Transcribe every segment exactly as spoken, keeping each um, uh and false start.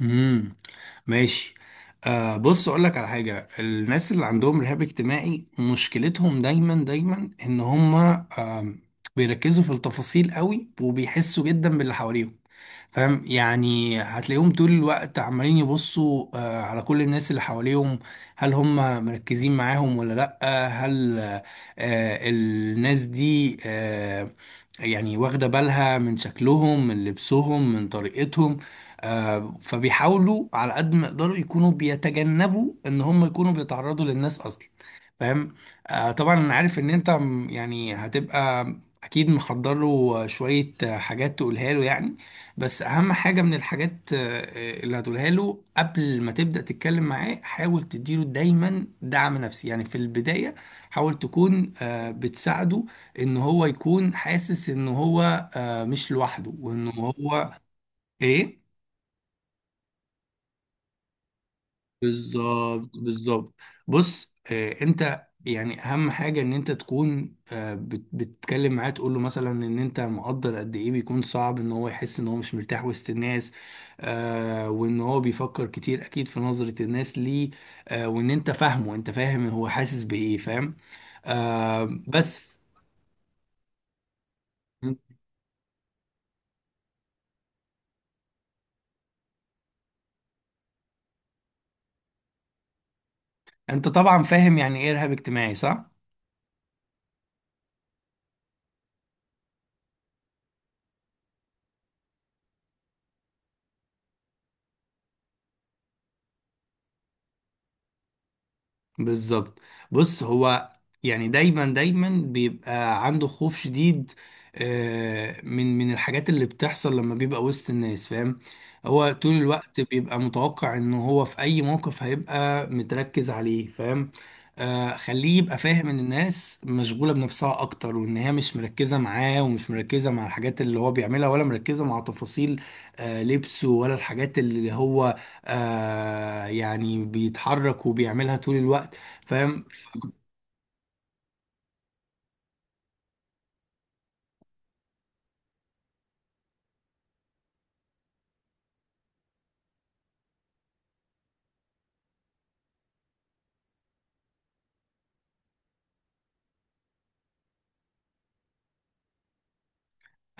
امم ماشي. آه بص، اقول لك على حاجه. الناس اللي عندهم رهاب اجتماعي مشكلتهم دايما دايما ان هم آه بيركزوا في التفاصيل قوي، وبيحسوا جدا باللي حواليهم. فاهم؟ يعني هتلاقيهم طول الوقت عمالين يبصوا آه، على كل الناس اللي حواليهم. هل هم مركزين معاهم ولا لأ؟ هل آه، آه، الناس دي آه، يعني واخدة بالها من شكلهم، من لبسهم، من طريقتهم. آه، فبيحاولوا على قد ما يقدروا يكونوا بيتجنبوا ان هم يكونوا بيتعرضوا للناس اصلا. فاهم؟ آه، طبعا انا عارف ان انت م- يعني هتبقى اكيد محضر له شوية آه، حاجات تقولها له يعني. بس اهم حاجه من الحاجات آه، آه، اللي هتقولها له قبل ما تبدا تتكلم معاه، حاول تديله دايما دعم نفسي يعني في البدايه. حاول تكون آه، بتساعده ان هو يكون حاسس ان هو آه، مش لوحده، وان هو ايه. بالظبط، بالظبط. بص، آه انت يعني اهم حاجه ان انت تكون آه بت- بتتكلم معاه، تقول له مثلا ان انت مقدر قد ايه بيكون صعب ان هو يحس ان هو مش مرتاح وسط الناس. آه وان هو بيفكر كتير اكيد في نظره الناس ليه. آه وان انت فاهمه، انت فاهم هو حاسس بايه. فاهم؟ آه بس. انت طبعا فاهم يعني ايه ارهاب اجتماعي، صح؟ بالظبط. بص، هو يعني دايما دايما بيبقى عنده خوف شديد آه، من من الحاجات اللي بتحصل لما بيبقى وسط الناس. فاهم؟ هو طول الوقت بيبقى متوقع ان هو في اي موقف هيبقى متركز عليه. فاهم؟ آه، خليه يبقى فاهم ان الناس مشغولة بنفسها اكتر، وان هي مش مركزة معاه، ومش مركزة مع الحاجات اللي هو بيعملها، ولا مركزة مع تفاصيل آه، لبسه، ولا الحاجات اللي هو آه، يعني بيتحرك وبيعملها طول الوقت. فاهم؟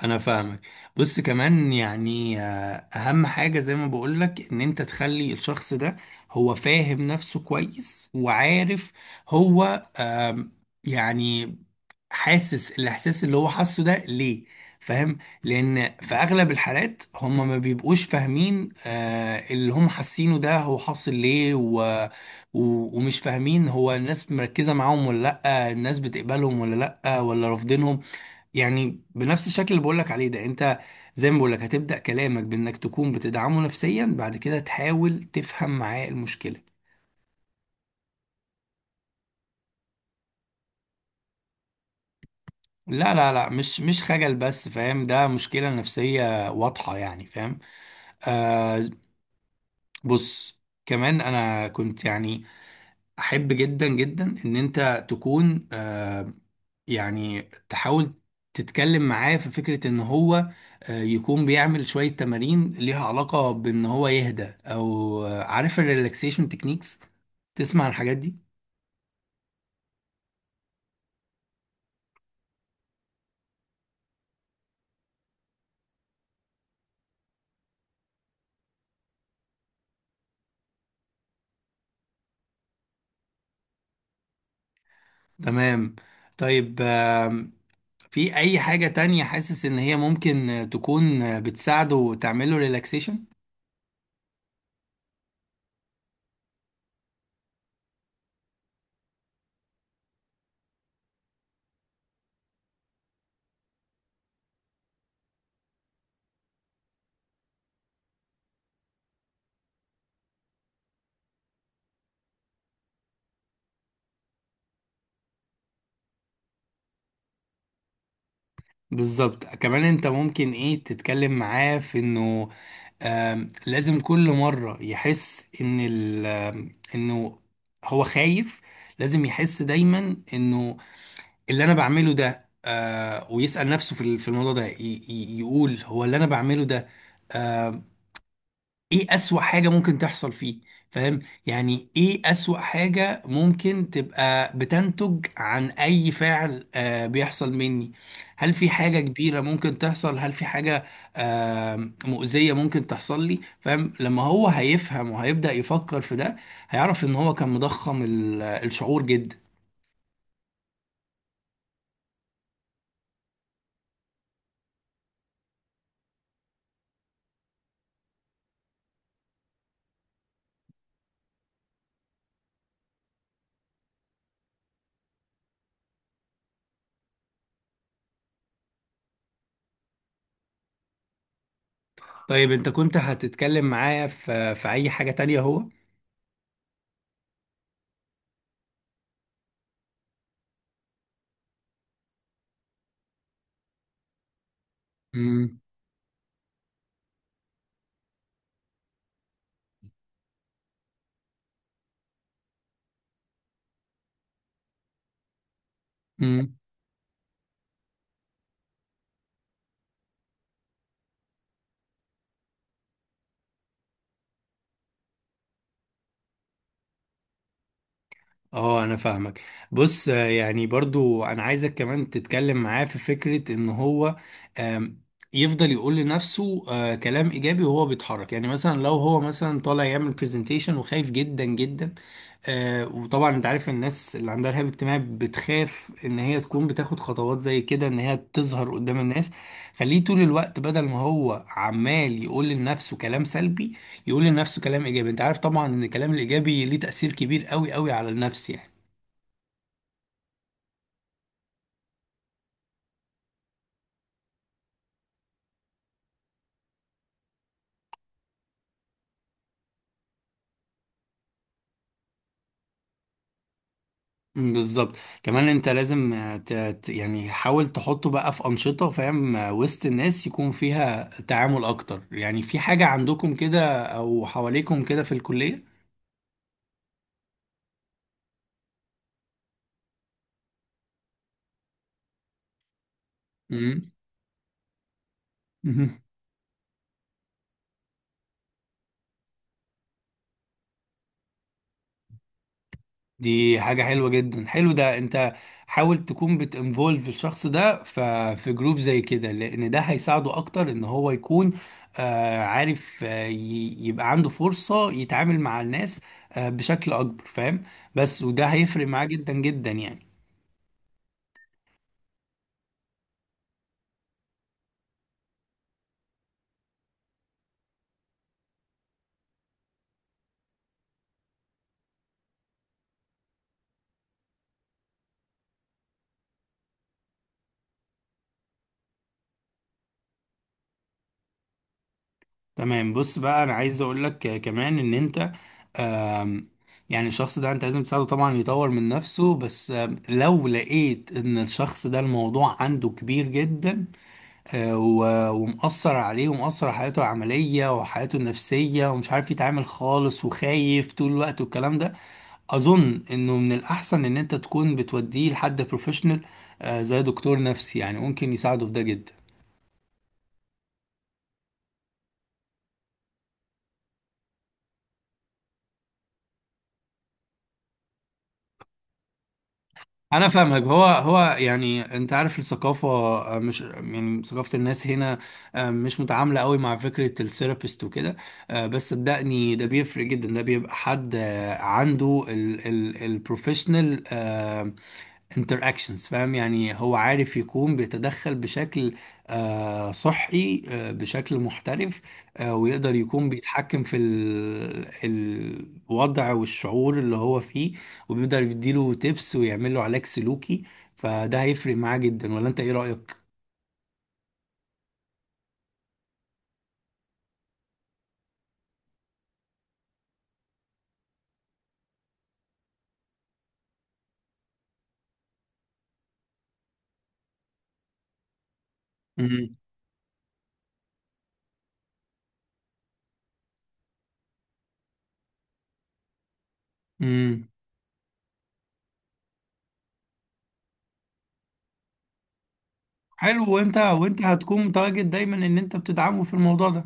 انا فاهمك. بص، كمان يعني آه، اهم حاجة زي ما بقولك ان انت تخلي الشخص ده هو فاهم نفسه كويس وعارف هو آم، يعني حاسس الاحساس اللي هو حاسه ده ليه. فاهم؟ لان في اغلب الحالات هم ما بيبقوش فاهمين آه، اللي هم حاسينه ده هو حاصل ليه و... و... ومش فاهمين هو الناس مركزة معاهم ولا لأ، الناس بتقبلهم ولا لأ ولا رافضينهم. يعني بنفس الشكل اللي بقولك عليه ده انت، زي ما بقولك هتبدأ كلامك بانك تكون بتدعمه نفسيا، بعد كده تحاول تفهم معاه المشكلة. لا، لا، لا، مش مش خجل بس، فاهم؟ ده مشكلة نفسية واضحة يعني. فاهم؟ آه بص، كمان انا كنت يعني احب جدا جدا ان انت تكون آه، يعني تحاول تتكلم معاه في فكرة ان هو آه، يكون بيعمل شوية تمارين ليها علاقة بان هو يهدى، او آه، عارف الريلاكسيشن تكنيكس، تسمع عن الحاجات دي؟ تمام. طيب، آم، في اي حاجة تانية حاسس ان هي ممكن آه، تكون آه، بتساعده تعمله ريلاكسيشن؟ بالظبط. كمان انت ممكن ايه، تتكلم معاه في انه آم، لازم كل مرة يحس ان ال آم، انه هو خايف. لازم يحس دايما انه اللي انا بعمله ده آه، ويسأل نفسه في ال- في الموضوع ده، ي- ي- يقول هو اللي انا بعمله ده آه، ايه اسوأ حاجة ممكن تحصل فيه. فاهم؟ يعني ايه اسوأ حاجة ممكن تبقى بتنتج عن اي فعل آه بيحصل مني. هل في حاجة كبيرة ممكن تحصل؟ هل في حاجة آه مؤذية ممكن تحصل لي؟ فاهم؟ لما هو هيفهم وهيبدأ يفكر في ده هيعرف ان هو كان مضخم ال- الشعور جدا. طيب، انت كنت هتتكلم معايا في في اي حاجة تانية هو؟ امم اه، انا فاهمك. بص آه، يعني برضو انا عايزك كمان تتكلم معاه في فكرة ان هو آم، يفضل يقول لنفسه آه، كلام ايجابي وهو بيتحرك. يعني مثلا لو هو مثلا طالع يعمل برزنتيشن وخايف جدا جدا، آه، وطبعا انت عارف الناس اللي عندها رهاب اجتماعي بتخاف ان هي تكون بتاخد خطوات زي كده ان هي تظهر قدام الناس. خليه طول الوقت بدل ما هو عمال يقول لنفسه كلام سلبي، يقول لنفسه كلام ايجابي. انت عارف طبعا ان الكلام الايجابي ليه تأثير كبير قوي قوي على النفس يعني. مم، بالظبط. كمان انت لازم آه، ت- ت- يعني حاول تحطه بقى في انشطه. فاهم؟ آه، وسط الناس يكون فيها تعامل اكتر. يعني في حاجه عندكم كده او حواليكم كده في الكليه؟ مم. دي حاجة حلوة جدا. حلو، ده انت حاول تكون بتinvolve الشخص ده ف- في جروب زي كده، لان ده هيساعده اكتر ان هو يكون آه، عارف آه، ي- يبقى عنده فرصة يتعامل مع الناس آه، بشكل اكبر. فاهم؟ بس وده هيفرق معاه جدا جدا يعني. تمام. بص بقى، انا عايز اقول لك آه، كمان ان انت آم، يعني الشخص ده انت لازم تساعده طبعا يطور من نفسه، بس آم، لو لقيت ان الشخص ده الموضوع عنده كبير جدا آه، و- ومأثر عليه ومأثر على حياته العملية وحياته النفسية، ومش عارف يتعامل خالص وخايف طول الوقت والكلام ده، أظن إنه من الأحسن إن أنت تكون بتوديه لحد بروفيشنال زي دكتور نفسي. يعني ممكن يساعده في ده جدا. أنا فاهمك. هو هو يعني أنت عارف الثقافة آه، مش يعني ثقافة الناس هنا آه، مش متعاملة قوي مع فكرة الثيرابيست وكده. آه، بس صدقني ده بيفرق جدا. ده بيبقى حد آه، عنده البروفيشنال interactions. فاهم؟ يعني هو عارف يكون بيتدخل بشكل آه، صحي، آه، بشكل محترف. آه، ويقدر يكون بيتحكم في ال- الوضع والشعور اللي هو فيه. وبيقدر يديله تيبس ويعمل له علاج سلوكي، فده هيفرق معاه جدا. ولا انت ايه رأيك؟ امم امم حلو. وانت وانت هتكون متواجد دايما ان انت بتدعمه في الموضوع ده.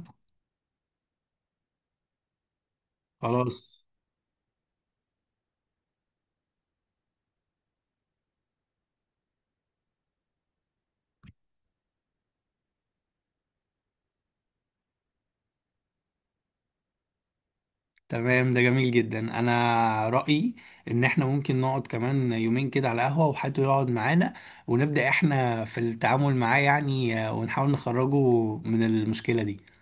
خلاص، تمام. ده جميل جدا. انا رأيي ان احنا ممكن نقعد كمان يومين كده على قهوة، وحد يقعد معانا ونبدأ احنا في التعامل معاه. يعني آه، ونحاول نخرجه من المشكلة دي.